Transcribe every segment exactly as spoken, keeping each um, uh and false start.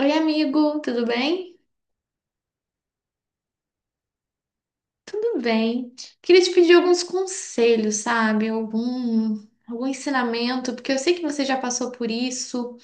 Oi, amigo, tudo bem? Tudo bem. Queria te pedir alguns conselhos, sabe? Algum, algum ensinamento, porque eu sei que você já passou por isso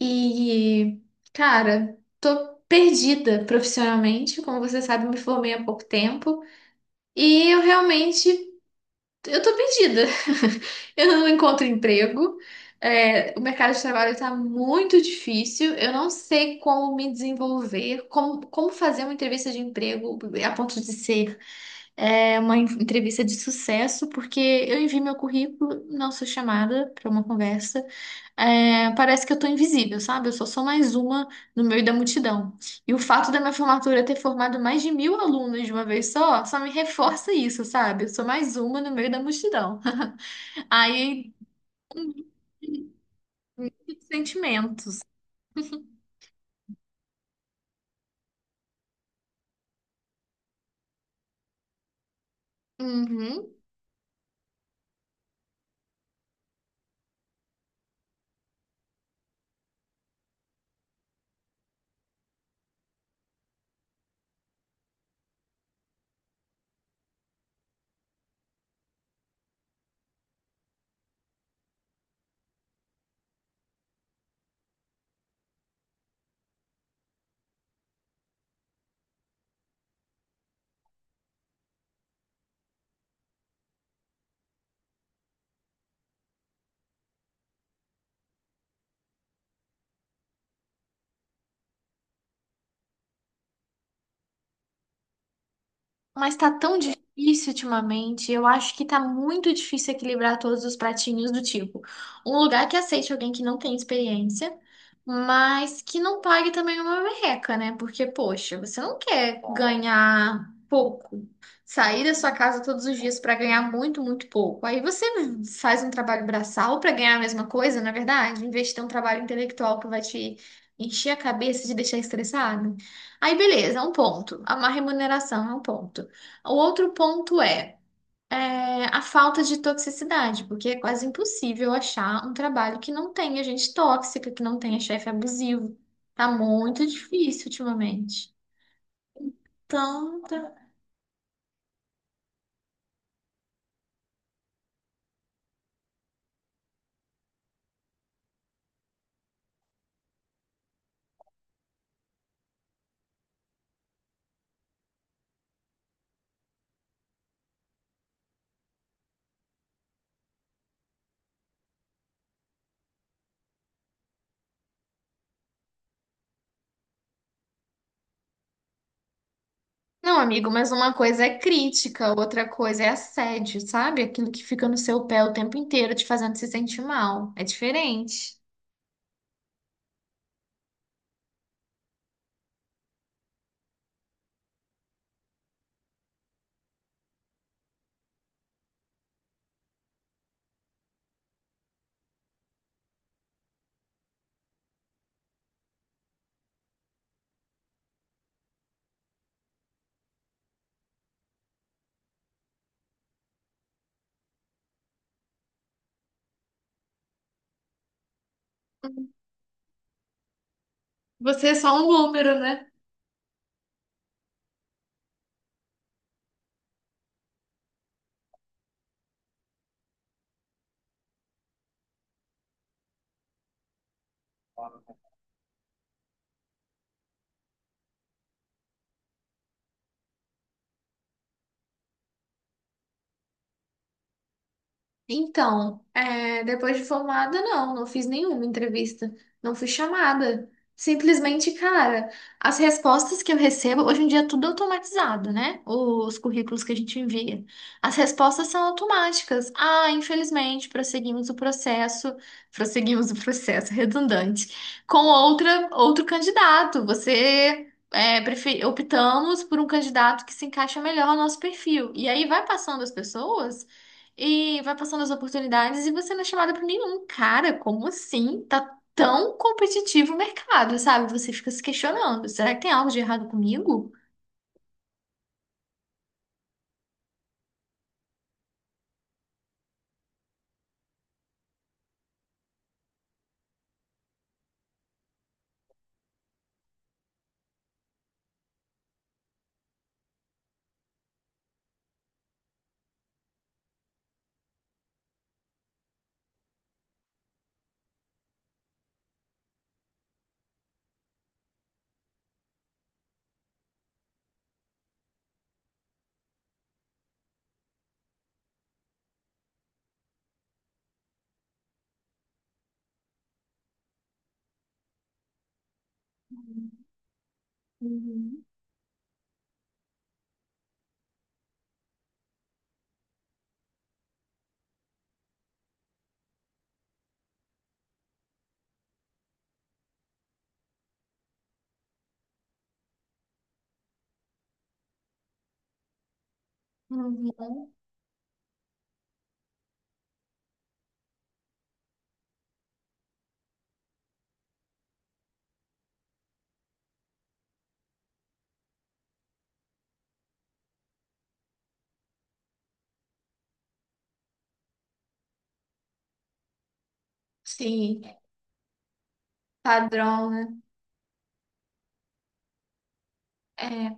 e, cara, tô perdida profissionalmente. Como você sabe, eu me formei há pouco tempo e eu realmente Eu tô perdida. Eu não encontro emprego. É, o mercado de trabalho está muito difícil. Eu não sei como me desenvolver, como, como fazer uma entrevista de emprego a ponto de ser é, uma en- entrevista de sucesso, porque eu envio meu currículo, não sou chamada para uma conversa. É, parece que eu tô invisível, sabe? Eu sou só mais uma no meio da multidão. E o fato da minha formatura ter formado mais de mil alunos de uma vez só, só me reforça isso, sabe? Eu sou mais uma no meio da multidão. Aí, muitos sentimentos. Uhum. Mas tá tão difícil ultimamente. Eu acho que tá muito difícil equilibrar todos os pratinhos do tipo. Um lugar que aceite alguém que não tem experiência, mas que não pague também uma merreca, né? Porque, poxa, você não quer ganhar pouco. Sair da sua casa todos os dias pra ganhar muito, muito pouco. Aí você faz um trabalho braçal pra ganhar a mesma coisa, na verdade, em vez de ter um trabalho intelectual que vai te encher a cabeça e te deixar estressado. Aí, beleza, é um ponto. Uma remuneração é um ponto. O outro ponto é, é, a falta de toxicidade, porque é quase impossível achar um trabalho que não tenha gente tóxica, que não tenha chefe abusivo. Tá muito difícil ultimamente. Então, tá- não, amigo, mas uma coisa é crítica, outra coisa é assédio, sabe? Aquilo que fica no seu pé o tempo inteiro te fazendo se sentir mal. É diferente. Você é só um número, né? Então, é, depois de formada, não, não fiz nenhuma entrevista, não fui chamada. Simplesmente, cara, as respostas que eu recebo, hoje em dia é tudo automatizado, né? Os currículos que a gente envia. As respostas são automáticas. Ah, infelizmente, prosseguimos o processo, prosseguimos o processo, redundante, com outra, outro candidato. Você. É, prefe- optamos por um candidato que se encaixa melhor ao nosso perfil. E aí vai passando as pessoas. E vai passando as oportunidades e você não é chamada para nenhum. Cara, como assim? Tá tão competitivo o mercado, sabe? Você fica se questionando. Será que tem algo de errado comigo? Uhum. Uhum. Sim, padrão, né? É.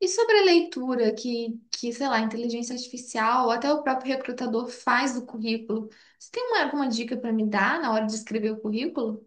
E sobre a leitura que, que, sei lá, inteligência artificial ou até o próprio recrutador faz do currículo, você tem uma, alguma dica para me dar na hora de escrever o currículo?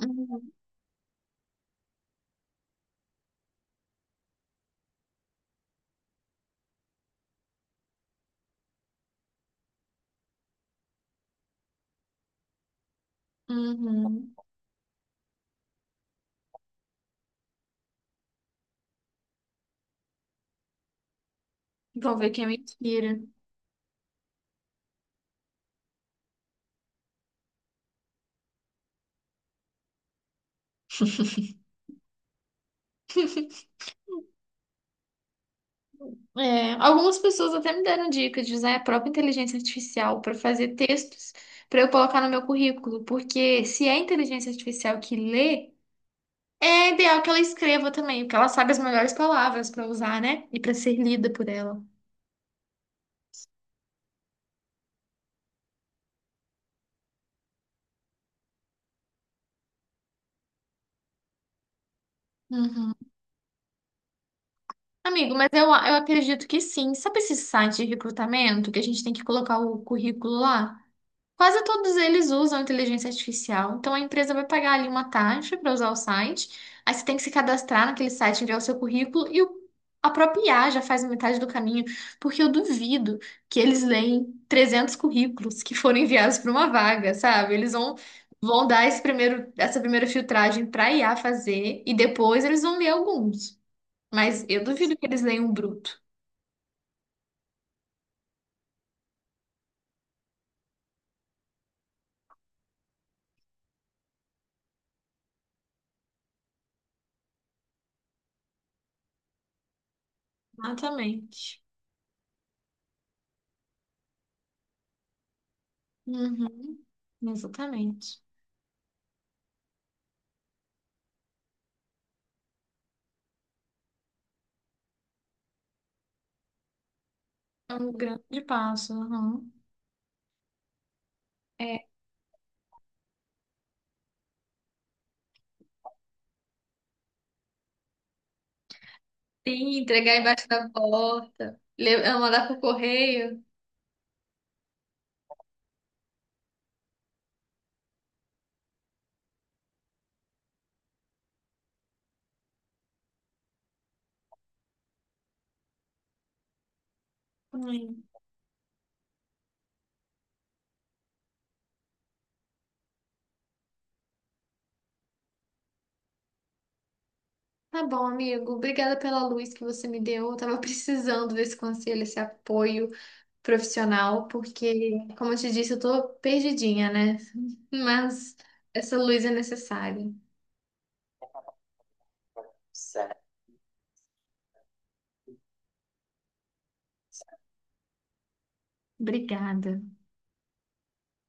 Uhum. Uhum. Vou ver quem me inspira. É, algumas pessoas até me deram dicas de usar a própria inteligência artificial para fazer textos para eu colocar no meu currículo, porque se é a inteligência artificial que lê, é ideal que ela escreva também, porque ela sabe as melhores palavras para usar, né? E para ser lida por ela. Uhum. Amigo, mas eu, eu acredito que sim. Sabe esse site de recrutamento que a gente tem que colocar o currículo lá? Quase todos eles usam inteligência artificial. Então a empresa vai pagar ali uma taxa para usar o site. Aí você tem que se cadastrar naquele site, enviar o seu currículo e o, a própria I A já faz metade do caminho, porque eu duvido que eles leem trezentos currículos que foram enviados para uma vaga, sabe? Eles vão vão dar esse primeiro essa primeira filtragem para a I A fazer e depois eles vão ler alguns. Mas eu duvido que eles leiam bruto. Exatamente. Uhum, exatamente. É um grande passo. Aham. É, sim, entregar embaixo da porta, le- ah, mandar pro correio. Hum. Tá bom, amigo. Obrigada pela luz que você me deu. Eu tava precisando desse conselho, esse apoio profissional, porque, como eu te disse, eu tô perdidinha, né? Mas essa luz é necessária. Certo. Obrigada.